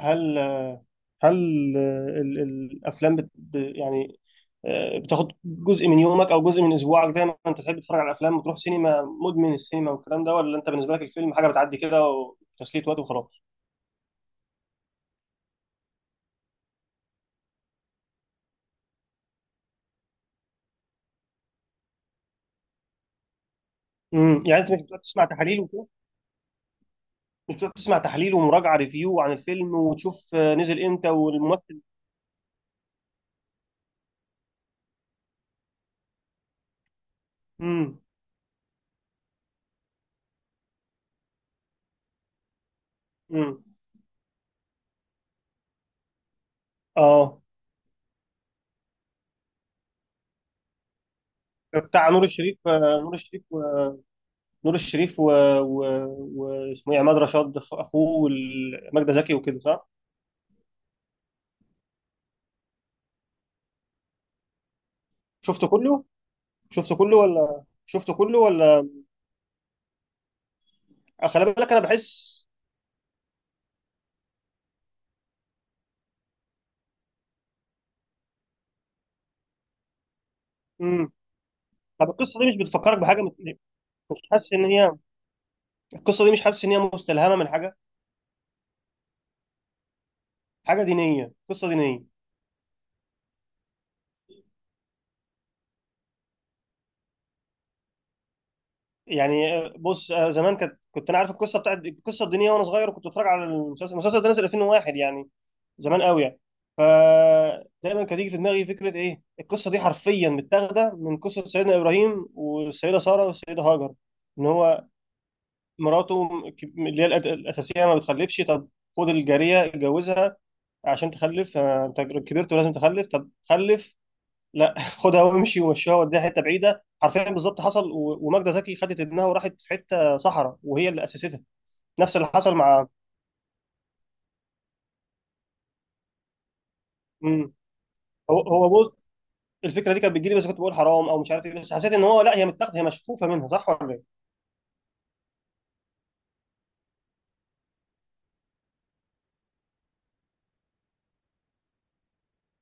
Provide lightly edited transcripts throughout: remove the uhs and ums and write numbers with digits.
هل هل الافلام بت ب- يعني آه، بتاخد جزء من يومك او جزء من اسبوعك، دايما انت تحب تتفرج على الافلام وتروح سينما، مدمن السينما والكلام ده، ولا انت بالنسبه لك الفيلم حاجه بتعدي كده وتسليه وقت وخلاص؟ يعني انت مش بتقعد تسمع تحاليل وكده؟ مش بتقعد تسمع تحليل ومراجعه ريفيو عن الفيلم، وتشوف نزل امتى والممثل؟ امم امم اه، بتاع نور الشريف، نور الشريف نور الشريف و... و... واسمه ايه، عماد رشاد اخوه، وماجدة زكي وكده، صح؟ شفته كله؟ شفته كله ولا؟ خلي بالك انا بحس. امم طب القصه دي مش بتفكرك بحاجه مت... يعني مش حاسس ان هي، القصه دي مش حاسس ان هي مستلهمه من حاجه؟ حاجه دينيه، قصه دينيه. يعني بص، زمان كنت انا عارف القصه، بتاعت القصه الدينيه، وانا صغير، وكنت بتفرج على المسلسل. ده نزل 2001 يعني، زمان قوي يعني. فدايما كانت تيجي في دماغي فكره، ايه القصه دي حرفيا متاخده من قصه سيدنا ابراهيم والسيده ساره والسيده هاجر. ان هو مراته، اللي هي الاساسيه ما بتخلفش، طب خد الجاريه اتجوزها عشان تخلف، انت كبرت ولازم تخلف. طب خلف! لا، خدها وامشي ومشيها، وديها حته بعيده. حرفيا بالظبط حصل، وماجده زكي خدت ابنها وراحت في حته صحراء، وهي اللي اسستها. نفس اللي حصل مع. مم. هو بص، الفكره دي كانت بتجيلي، بس كنت بقول حرام او مش عارف ايه. بس حسيت ان هو، لا، هي متاخده، هي مشفوفه منها، صح ولا ايه؟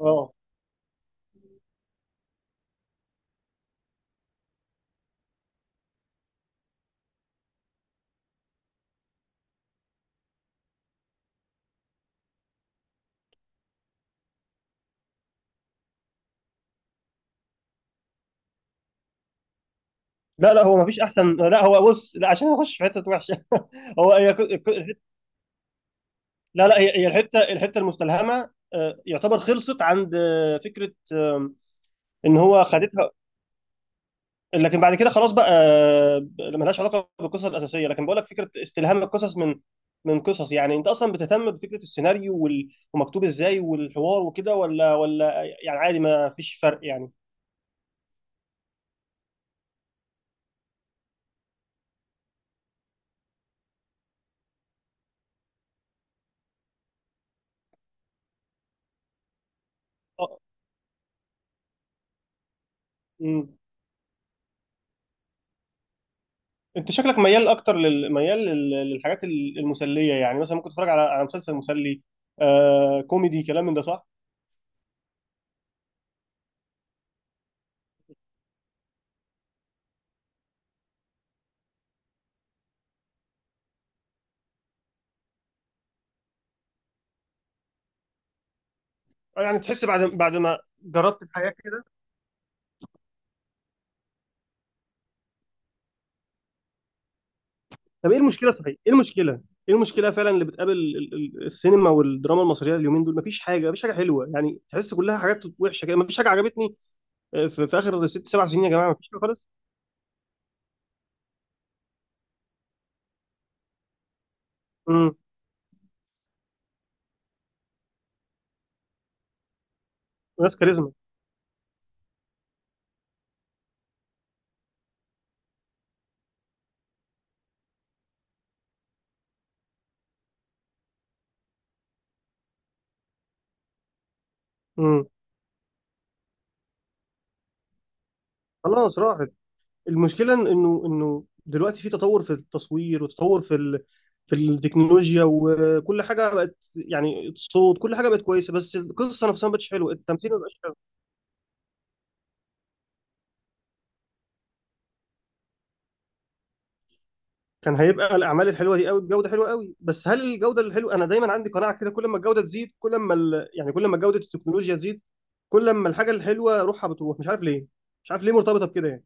اه. لا هو مفيش احسن، لا، هو بص، لا، عشان اخش في حته وحشه هو هي، لا هي الحته المستلهمه يعتبر خلصت عند فكره ان هو خدتها، لكن بعد كده خلاص بقى ملهاش علاقه بالقصه الاساسيه. لكن بقول لك فكره استلهام القصص من قصص. يعني انت اصلا بتهتم بفكره السيناريو وال- ومكتوب ازاي والحوار وكده، ولا يعني عادي ما فيش فرق يعني؟ آه، مم. انت شكلك ميال اكتر للحاجات المسليه، يعني مثلا ممكن تتفرج على مسلسل مسلي، آه كوميدي، كلام من ده، صح؟ يعني تحس بعد ما جربت الحياه كده. طب ايه المشكله؟ صحيح ايه المشكله؟ ايه المشكله فعلا اللي بتقابل السينما والدراما المصريه اليومين دول؟ مفيش حاجه، مفيش حاجه حلوه. يعني تحس كلها حاجات وحشه كده، مفيش حاجه عجبتني. في, في اخر ست سبع سنين يا جماعه مفيش حاجه خالص. امم ناس كاريزما. امم خلاص راحت. المشكله انه دلوقتي في تطور في التصوير، وتطور في ال... في التكنولوجيا، وكل حاجه بقت يعني، الصوت كل حاجه بقت كويسه، بس القصه نفسها ما بقتش حلوه، التمثيل ما بقاش. كان هيبقى الاعمال الحلوه دي قوي بجوده حلوه قوي، بس هل الجوده الحلوه، انا دايما عندي قناعه كده، كل ما الجوده تزيد، كل ما ال... يعني كل ما جوده التكنولوجيا تزيد، كل ما الحاجه الحلوه روحها بتروح، مش عارف ليه، مش عارف ليه مرتبطه بكده يعني.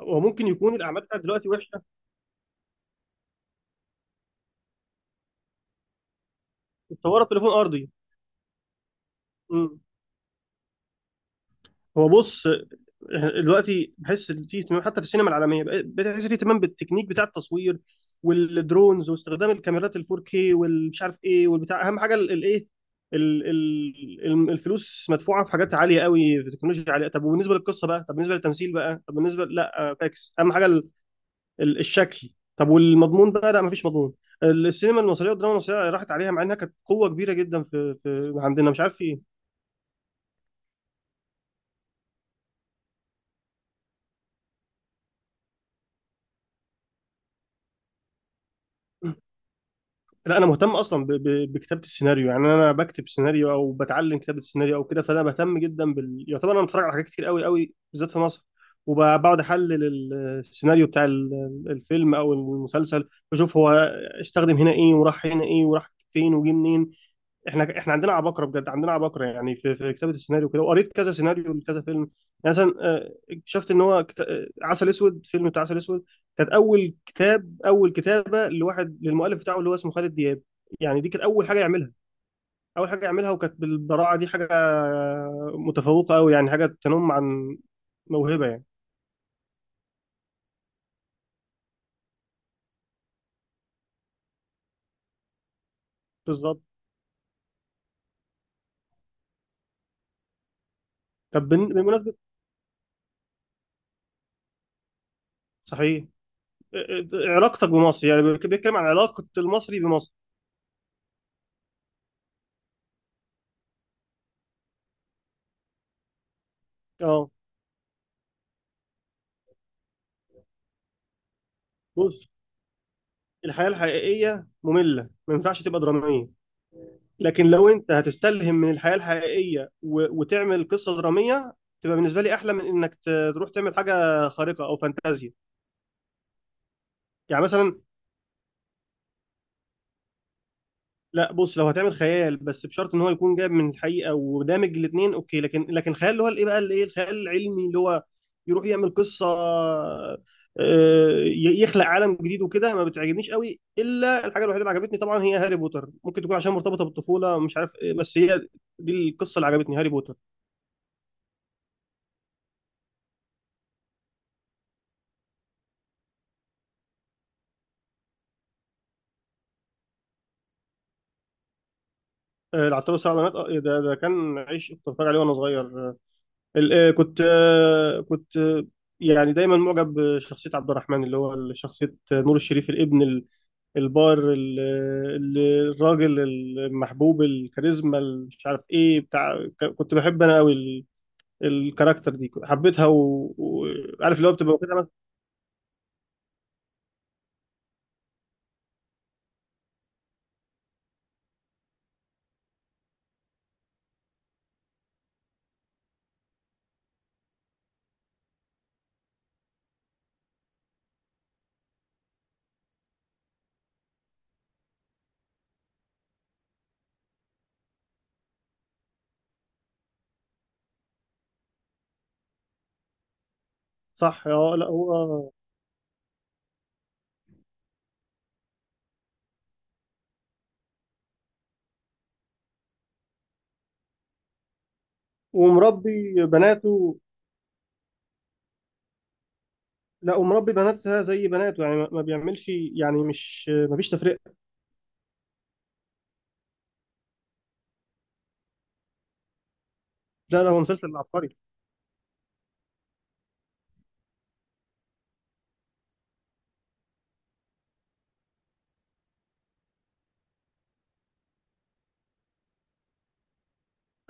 هو ممكن يكون الاعمال بتاعت دلوقتي وحشه، اتصورت تليفون ارضي. مم. هو بص، دلوقتي بحس ان في اهتمام حتى في السينما العالميه، بتحس في اهتمام بالتكنيك بتاع التصوير والدرونز واستخدام الكاميرات ال 4K والمش عارف ايه والبتاع. اهم حاجه الايه؟ الفلوس مدفوعه في حاجات عاليه قوي، في تكنولوجيا عاليه. طب وبالنسبه للقصه بقى؟ طب بالنسبه للتمثيل بقى؟ طب بالنسبه لا فاكس، اهم حاجه الشكل. طب والمضمون بقى؟ لا، مفيش مضمون. السينما المصريه والدراما المصريه راحت عليها، مع انها كانت قوه كبيره جدا، في, في عندنا مش عارف في ايه. لا، انا مهتم اصلا بكتابه السيناريو، يعني انا بكتب سيناريو او بتعلم كتابه السيناريو او كده، فانا بهتم جدا بال، يعتبر انا بتفرج على حاجات كتير قوي قوي بالذات في مصر، وبقعد احلل السيناريو بتاع الفيلم او المسلسل، بشوف هو استخدم هنا ايه وراح هنا ايه وراح فين وجه منين. احنا عندنا عباقره بجد، عندنا عباقره يعني في في كتابه السيناريو كده، وقريت كذا سيناريو لكذا فيلم. يعني مثلا اكتشفت ان هو كت... آه، عسل اسود، فيلم بتاع عسل اسود، كانت اول اول كتابه لواحد، للمؤلف بتاعه اللي هو اسمه خالد دياب. يعني دي كانت اول حاجه يعملها، اول حاجه يعملها وكانت بالبراعه دي، حاجه متفوقه قوي، يعني حاجه تنم عن موهبه يعني. بالظبط. طب بمناسبه، صحيح، علاقتك بمصر، يعني بيتكلم عن علاقه المصري بمصر. اه، بص، الحياة الحقيقية مملة، ما ينفعش تبقى درامية، لكن لو انت هتستلهم من الحياة الحقيقية وتعمل قصة درامية، تبقى بالنسبة لي أحلى من إنك تروح تعمل حاجة خارقة أو فانتازيا. يعني مثلا، لا، بص، لو هتعمل خيال، بس بشرط ان هو يكون جايب من الحقيقه ودامج الاثنين، اوكي. لكن خيال اللي هو الايه بقى، الايه، الخيال العلمي، اللي هو يروح يعمل قصه يخلق عالم جديد وكده، ما بتعجبنيش قوي. الا الحاجه الوحيده اللي عجبتني طبعا هي هاري بوتر، ممكن تكون عشان مرتبطه بالطفوله ومش عارف ايه، بس هي دي القصه اللي عجبتني، هاري بوتر. العطار والسبع بنات، ده كان عيش، كنت بتفرج عليه وانا صغير. آه، ال- آه، كنت آه، كنت آه، يعني دايما معجب بشخصيه عبد الرحمن، اللي هو شخصيه نور الشريف، الابن البار، ال- الراجل المحبوب الكاريزما مش عارف ايه بتاع، كنت بحب انا قوي الكاركتر دي، حبيتها، وعارف اللي هو بتبقى واخدها مثلا. صح، اه. لا، هو ومربي بناته، لا، ومربي بناتها زي بناته يعني، ما بيعملش، يعني مش، ما فيش تفرقه. لا هو مسلسل عبقري.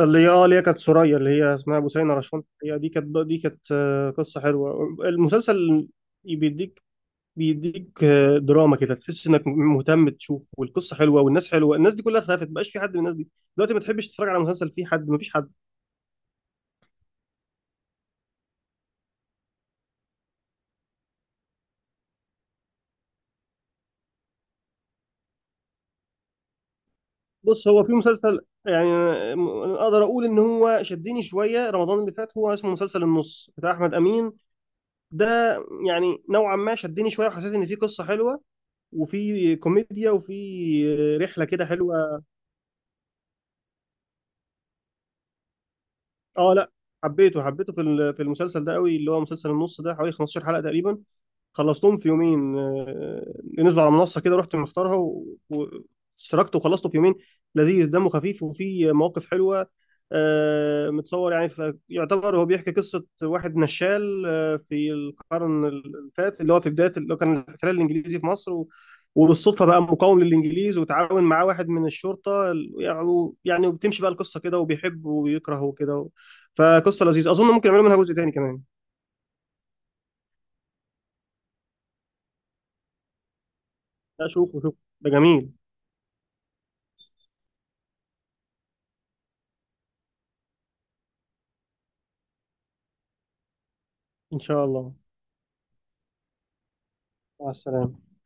اللي هي اه، اللي هي كانت سوريا، اللي هي اسمها بوسينة رشوان، هي دي كانت، قصه حلوه. المسلسل بيديك بيديك دراما كده، تحس انك مهتم تشوف، والقصه حلوه والناس حلوه. الناس دي كلها اتخلفت، ما بقاش في حد من الناس دي دلوقتي، ما تحبش تتفرج على مسلسل فيه حد، ما فيش حد. بص، هو في مسلسل يعني أنا اقدر اقول ان هو شدني شويه رمضان اللي فات، هو اسمه مسلسل النص بتاع احمد امين ده. يعني نوعا ما شدني شويه، وحسيت ان في قصه حلوه، وفي كوميديا، وفي رحله كده حلوه. اه لا، حبيته في في المسلسل ده قوي، اللي هو مسلسل النص ده، حوالي 15 حلقه تقريبا، خلصتهم في يومين. نزلوا على منصه كده، رحت مختارها واشتركت وخلصته في يومين. لذيذ، دمه خفيف وفيه مواقف حلوه، متصور يعني. يعتبر هو بيحكي قصه واحد نشال في القرن اللي فات، اللي هو في بدايه اللي هو كان الاحتلال الانجليزي في مصر، وبالصدفه بقى مقاوم للانجليز، وتعاون معاه واحد من الشرطه ال- يعني وبتمشي بقى القصه كده، وبيحب ويكره وكده. فقصه لذيذه، اظن ممكن يعملوا منها جزء تاني كمان. لا، شوفوا، ده جميل. ان شاء الله. مع السلامة.